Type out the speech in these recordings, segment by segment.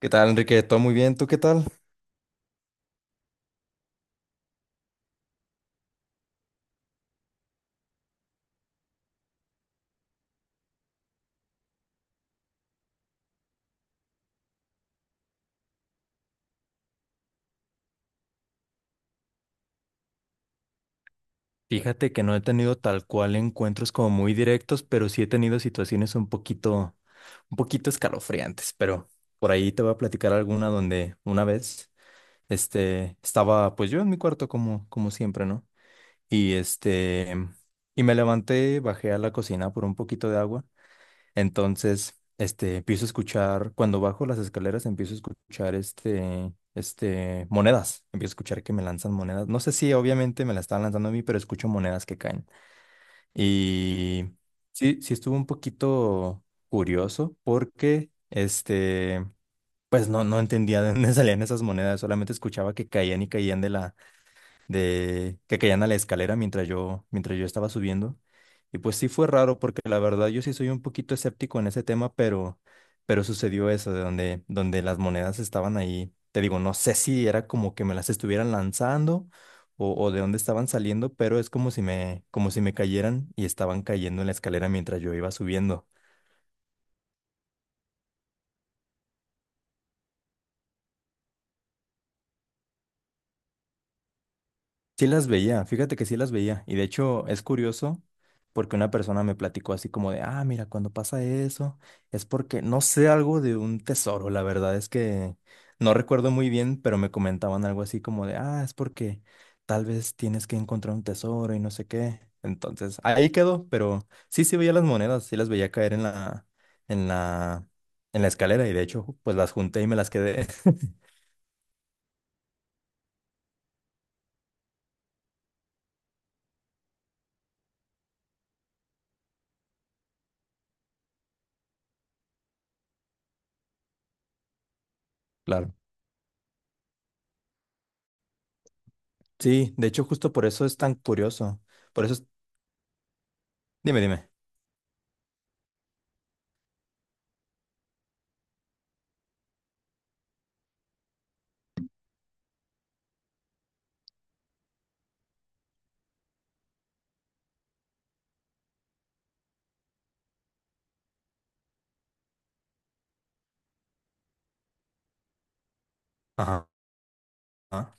¿Qué tal, Enrique? ¿Todo muy bien? ¿Tú qué tal? Fíjate que no he tenido tal cual encuentros como muy directos, pero sí he tenido situaciones un poquito escalofriantes, pero por ahí te voy a platicar alguna donde una vez, estaba pues yo en mi cuarto como siempre, ¿no? Y este, y me levanté, bajé a la cocina por un poquito de agua. Entonces, empiezo a escuchar, cuando bajo las escaleras, empiezo a escuchar monedas. Empiezo a escuchar que me lanzan monedas. No sé si obviamente me las estaban lanzando a mí, pero escucho monedas que caen. Y sí, sí estuvo un poquito curioso porque, pues no, no entendía de dónde salían esas monedas, solamente escuchaba que caían y caían de que caían a la escalera mientras yo estaba subiendo. Y pues sí fue raro porque la verdad yo sí soy un poquito escéptico en ese tema, pero sucedió eso de donde las monedas estaban ahí. Te digo, no sé si era como que me las estuvieran lanzando o de dónde estaban saliendo, pero es como si como si me cayeran y estaban cayendo en la escalera mientras yo iba subiendo. Sí las veía, fíjate que sí las veía. Y de hecho es curioso porque una persona me platicó así como de, ah, mira, cuando pasa eso es porque no sé algo de un tesoro. La verdad es que no recuerdo muy bien, pero me comentaban algo así como de, ah, es porque tal vez tienes que encontrar un tesoro y no sé qué. Entonces ahí quedó, pero sí, sí veía las monedas, sí las veía caer en la, en la escalera y de hecho pues las junté y me las quedé. Claro. Sí, de hecho justo por eso es tan curioso. Por eso es Dime, dime. Ajá. Ajá.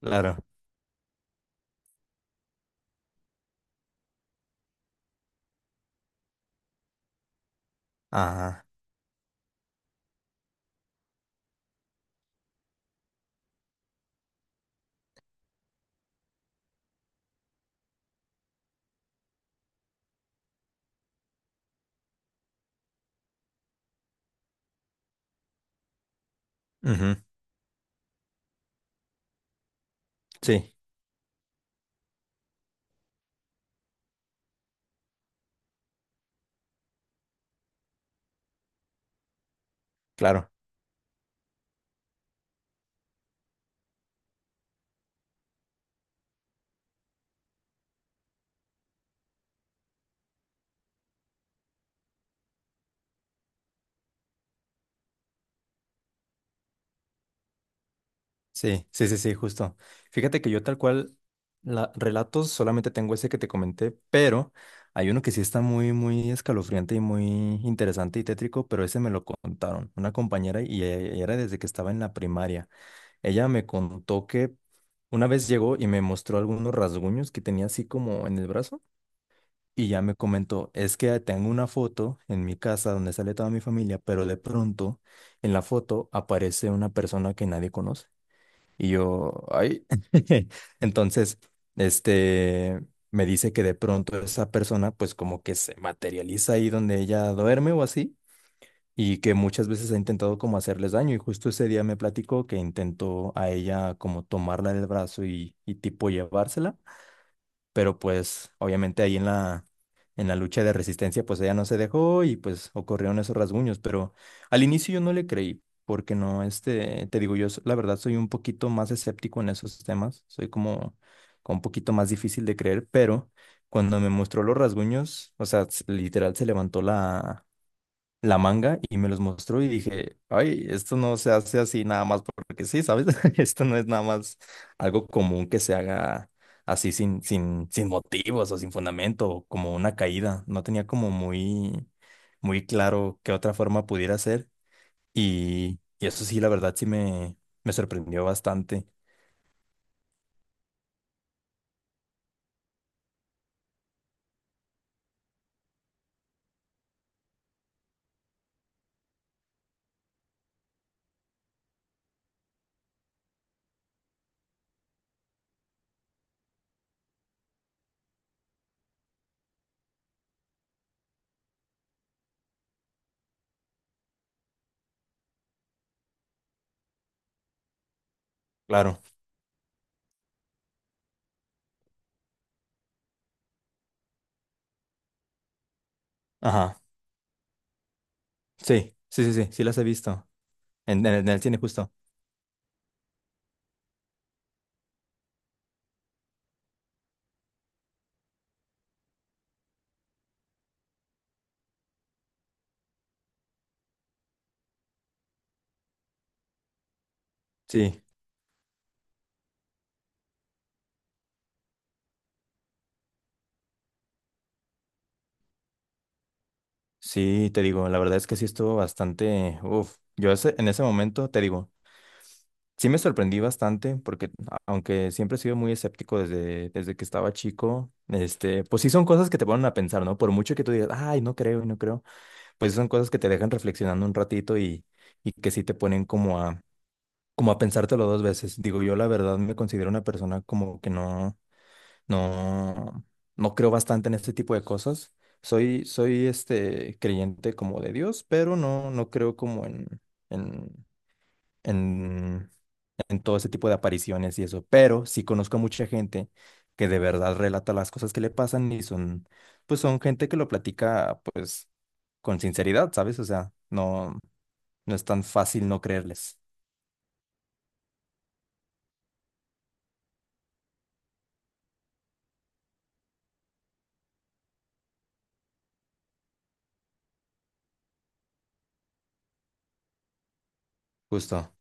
Claro. Ajá. Ujú. Sí, claro. Sí, sí, sí, sí, justo. Fíjate que yo tal cual, la, relatos solamente tengo ese que te comenté, pero hay uno que sí está muy, muy escalofriante y muy interesante y tétrico, pero ese me lo contaron una compañera y era desde que estaba en la primaria. Ella me contó que una vez llegó y me mostró algunos rasguños que tenía así como en el brazo. Y ya me comentó, es que tengo una foto en mi casa donde sale toda mi familia, pero de pronto en la foto aparece una persona que nadie conoce. Y yo, ay, entonces, este, me dice que de pronto esa persona pues como que se materializa ahí donde ella duerme o así, y que muchas veces ha intentado como hacerles daño. Y justo ese día me platicó que intentó a ella como tomarla del brazo y tipo llevársela, pero pues obviamente ahí en en la lucha de resistencia, pues ella no se dejó y pues ocurrieron esos rasguños, pero al inicio yo no le creí, porque no, te digo, la verdad soy un poquito más escéptico en esos temas, como un poquito más difícil de creer, pero cuando me mostró los rasguños, o sea, literal se levantó la manga y me los mostró y dije, ay, esto no se hace así nada más porque sí, ¿sabes? Esto no es nada más algo común que se haga así sin motivos o sin fundamento, o como una caída. No tenía como muy claro qué otra forma pudiera ser. Y, y eso sí, la verdad me sorprendió bastante. Claro, ajá, sí, sí, sí, sí, sí las he visto en, en el cine justo. Sí. Sí, te digo, la verdad es que sí estuvo bastante, uf, yo en ese momento, te digo, sí me sorprendí bastante porque aunque siempre he sido muy escéptico desde que estaba chico, pues sí son cosas que te ponen a pensar, ¿no? Por mucho que tú digas, ay, no creo, no creo, pues son cosas que te dejan reflexionando un ratito, y que sí te ponen como a pensártelo dos veces. Digo, yo la verdad me considero una persona como que no. No, no creo bastante en este tipo de cosas. Soy este creyente como de Dios, pero no, no creo como en, en, en todo ese tipo de apariciones y eso. Pero sí conozco a mucha gente que de verdad relata las cosas que le pasan y son, pues son gente que lo platica pues con sinceridad, ¿sabes? O sea, no, no es tan fácil no creerles. Justo.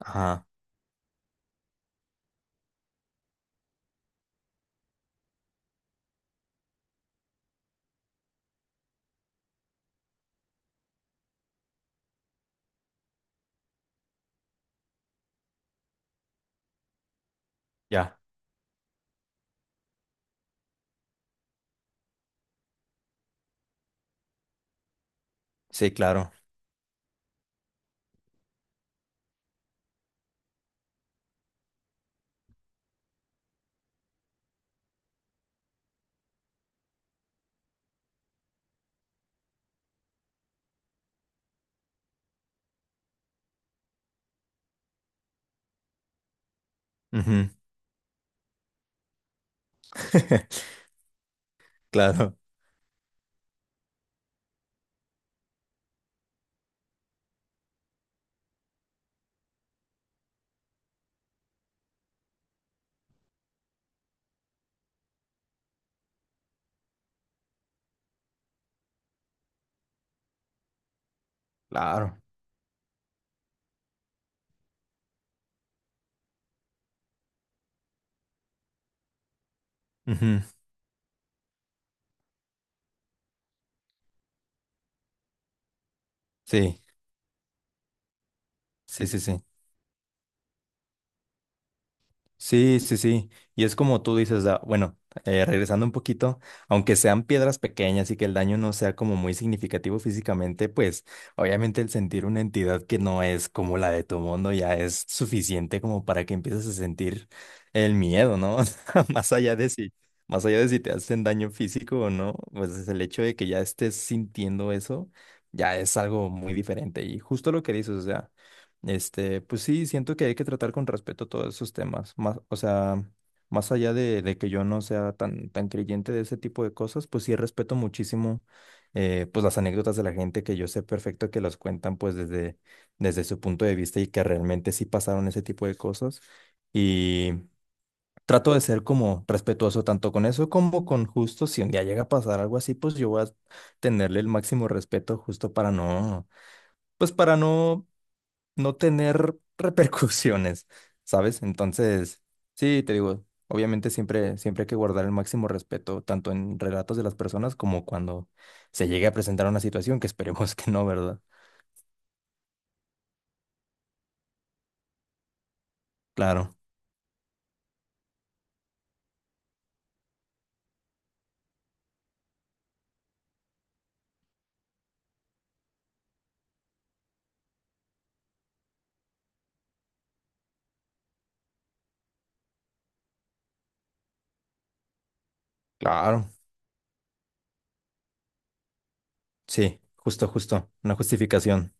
Ajá, ya. Sí, claro. Ujú. Claro, claro. Ujú. Sí, sí, sí, sí. Sí, sí, sí. Y es como tú dices, ah, bueno, regresando un poquito, aunque sean piedras pequeñas y que el daño no sea como muy significativo físicamente, pues obviamente el sentir una entidad que no es como la de tu mundo ya es suficiente como para que empieces a sentir el miedo, ¿no? O sea, más allá de si, más allá de si te hacen daño físico o no, pues es el hecho de que ya estés sintiendo eso, ya es algo muy diferente. Y justo lo que dices, o sea. Pues sí, siento que hay que tratar con respeto todos esos temas. Más, o sea, más allá de que yo no sea tan creyente de ese tipo de cosas, pues sí respeto muchísimo, pues las anécdotas de la gente que yo sé perfecto que las cuentan pues desde su punto de vista y que realmente sí pasaron ese tipo de cosas. Y trato de ser como respetuoso tanto con eso como con justo si un día llega a pasar algo así, pues yo voy a tenerle el máximo respeto justo para no, pues para no no tener repercusiones, ¿sabes? Entonces, sí, te digo, obviamente siempre, siempre hay que guardar el máximo respeto, tanto en relatos de las personas como cuando se llegue a presentar una situación que esperemos que no, ¿verdad? Claro, claro, sí, justo, justo, una justificación,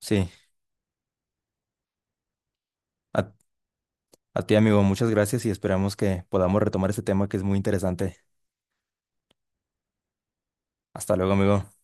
sí. A, a ti, amigo, muchas gracias y esperamos que podamos retomar este tema que es muy interesante. Hasta luego, amigo.